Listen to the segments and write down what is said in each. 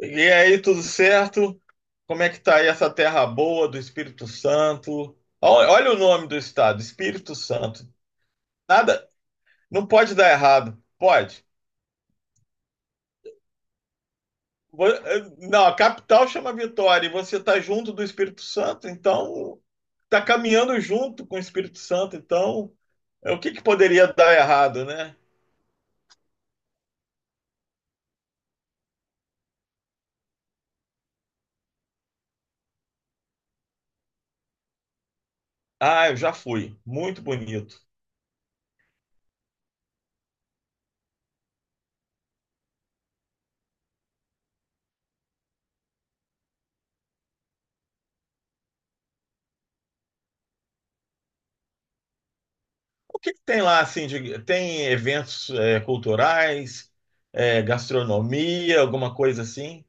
E aí, tudo certo? Como é que tá aí essa terra boa do Espírito Santo? Olha, olha o nome do estado, Espírito Santo. Nada, não pode dar errado. Pode. Não, a capital chama Vitória e você tá junto do Espírito Santo, então tá caminhando junto com o Espírito Santo, então o que que poderia dar errado, né? Ah, eu já fui. Muito bonito. O que que tem lá assim tem eventos culturais, gastronomia, alguma coisa assim?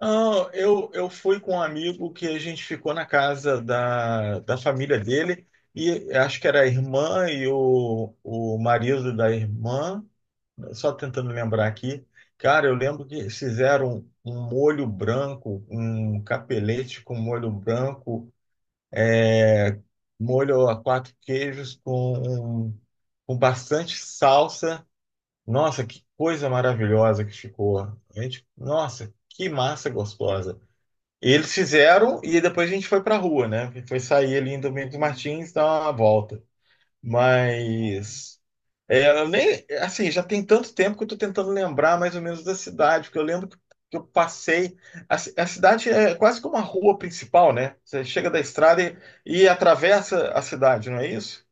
Não, eu fui com um amigo que a gente ficou na casa da família dele, e acho que era a irmã e o marido da irmã, só tentando lembrar aqui. Cara, eu lembro que fizeram um molho branco, um capelete com molho branco, é, molho a quatro queijos com bastante salsa. Nossa, que coisa maravilhosa que ficou. A gente, nossa, que massa gostosa. Eles fizeram e depois a gente foi pra rua, né? Foi sair ali em Domingos Martins, dar uma volta. Mas eu nem assim, já tem tanto tempo que eu tô tentando lembrar mais ou menos da cidade, porque eu lembro que eu passei. A cidade é quase que uma rua principal, né? Você chega da estrada e atravessa a cidade, não é isso?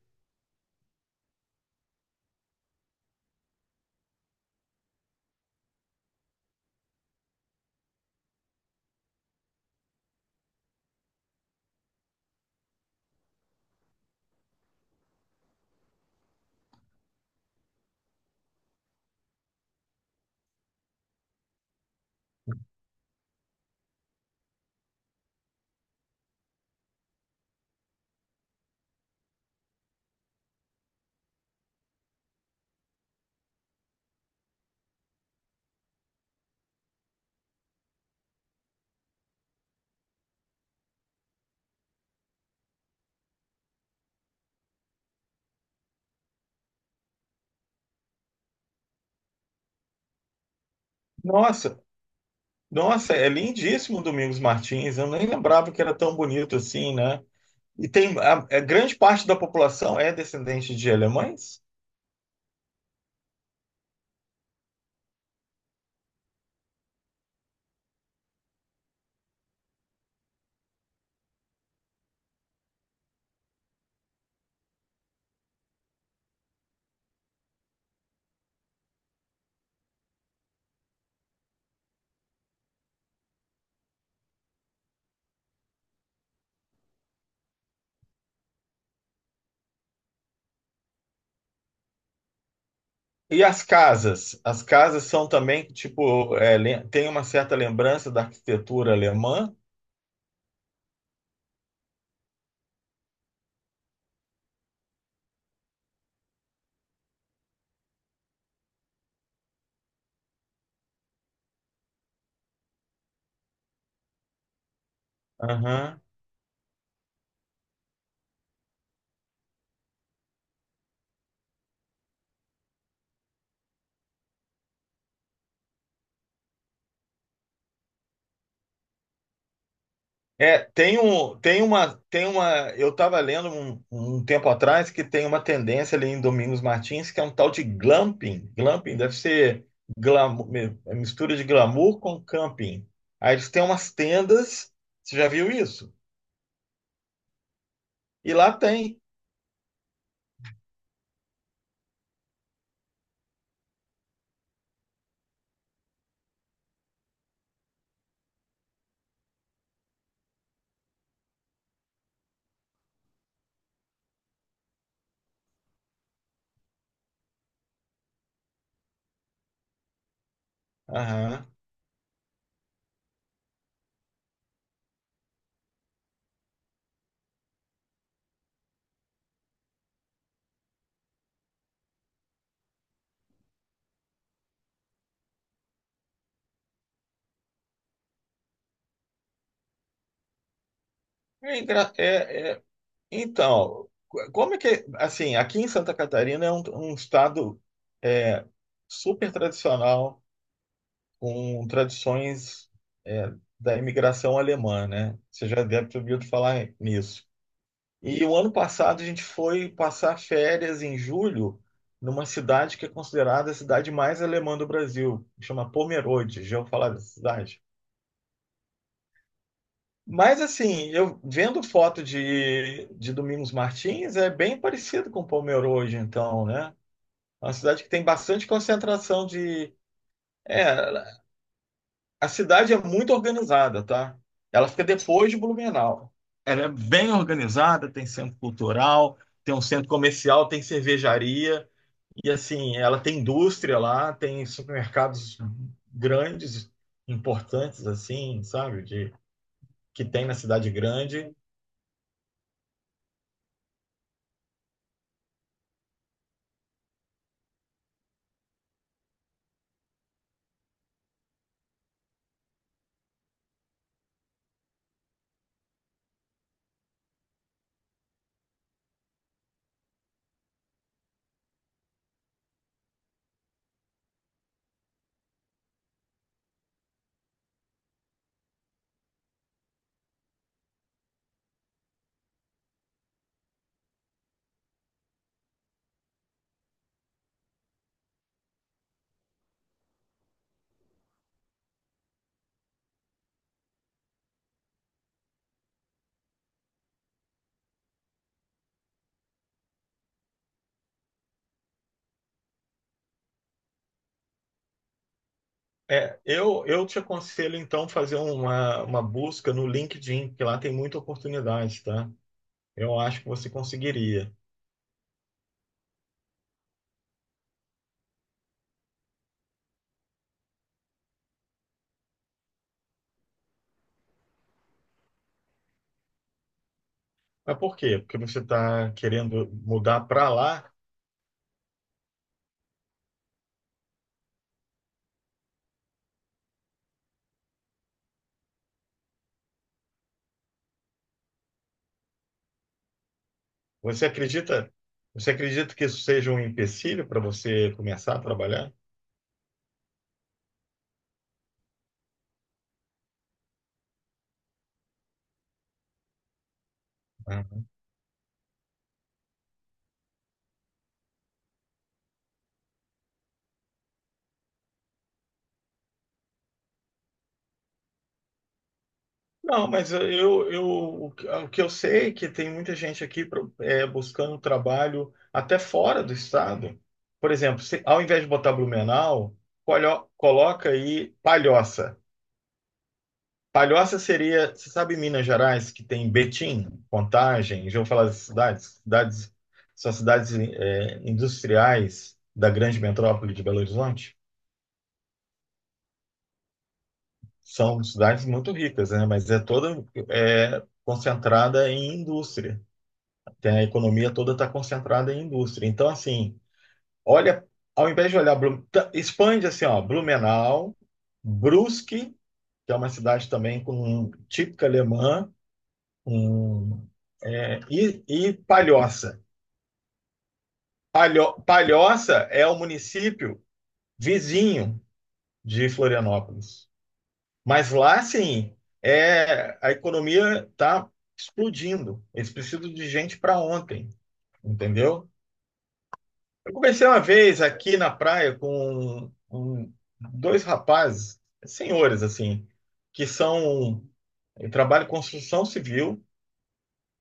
Nossa, nossa, é lindíssimo Domingos Martins. Eu nem lembrava que era tão bonito assim, né? E tem a grande parte da população é descendente de alemães? E as casas? As casas são também, tipo, tem uma certa lembrança da arquitetura alemã? Aham. Tem uma, eu estava lendo um tempo atrás que tem uma tendência ali em Domingos Martins que é um tal de glamping. Glamping deve ser glamour, mistura de glamour com camping. Aí eles têm umas tendas, você já viu isso? E lá tem. Aham. É, engra- é, é Então, como é que, assim, aqui em Santa Catarina é um estado é, super tradicional, com tradições é, da imigração alemã, né? Você já deve ter ouvido falar nisso. E o ano passado a gente foi passar férias em julho numa cidade que é considerada a cidade mais alemã do Brasil, chama Pomerode. Já ouviu falar dessa cidade? Mas assim, eu vendo foto de Domingos Martins, é bem parecido com Palmeira hoje, então, né? É uma cidade que tem bastante concentração de. É, a cidade é muito organizada, tá? Ela fica depois de Blumenau. Ela é bem organizada, tem centro cultural, tem um centro comercial, tem cervejaria, e assim, ela tem indústria lá, tem supermercados grandes, importantes, assim, sabe? De, que tem na cidade grande. É, eu te aconselho então fazer uma busca no LinkedIn, que lá tem muita oportunidade, tá? Eu acho que você conseguiria. Mas por quê? Porque você está querendo mudar para lá. Você acredita, você acredita que isso seja um empecilho para você começar a trabalhar? Ah. Não, mas eu, o que eu sei é que tem muita gente aqui buscando trabalho até fora do estado. Por exemplo, ao invés de botar Blumenau, coloca aí Palhoça. Palhoça seria, você sabe Minas Gerais, que tem Betim, Contagem, já vou falar das cidades, cidades são cidades industriais da grande metrópole de Belo Horizonte. São cidades muito ricas, né? Mas é toda concentrada em indústria. Tem a economia toda está concentrada em indústria. Então, assim, olha, ao invés de olhar, expande assim, ó, Blumenau, Brusque, que é uma cidade também com típica alemã. Hum. E Palhoça. Palhoça é o município vizinho de Florianópolis. Mas lá, sim, a economia está explodindo. Eles precisam de gente para ontem, entendeu? Eu comecei uma vez aqui na praia com um, dois rapazes, senhores, assim, que são. Trabalham em construção civil.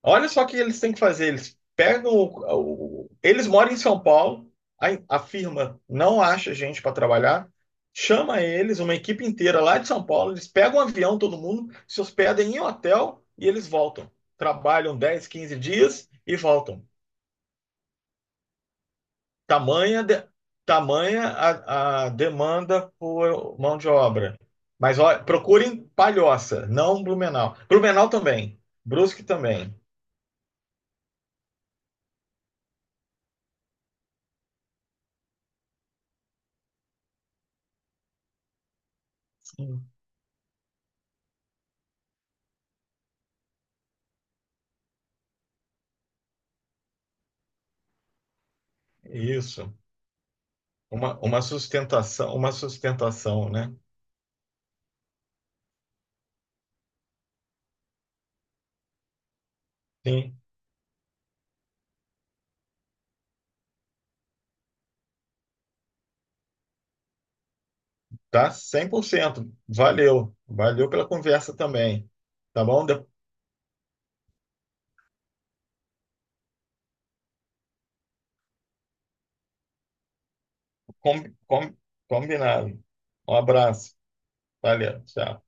Olha só o que eles têm que fazer. Eles pegam eles moram em São Paulo, a firma não acha gente para trabalhar, chama eles, uma equipe inteira lá de São Paulo, eles pegam um avião, todo mundo, se hospedem em hotel e eles voltam. Trabalham 10, 15 dias e voltam. Tamanha, de- tamanha a demanda por mão de obra. Mas olha, procurem Palhoça, não Blumenau. Blumenau também, Brusque também. Sim. Isso. Uma sustentação, uma sustentação, né? Sim, tá 100%. Valeu. Valeu pela conversa também. Tá bom? Com- com- Combinado. Um abraço. Valeu. Tchau.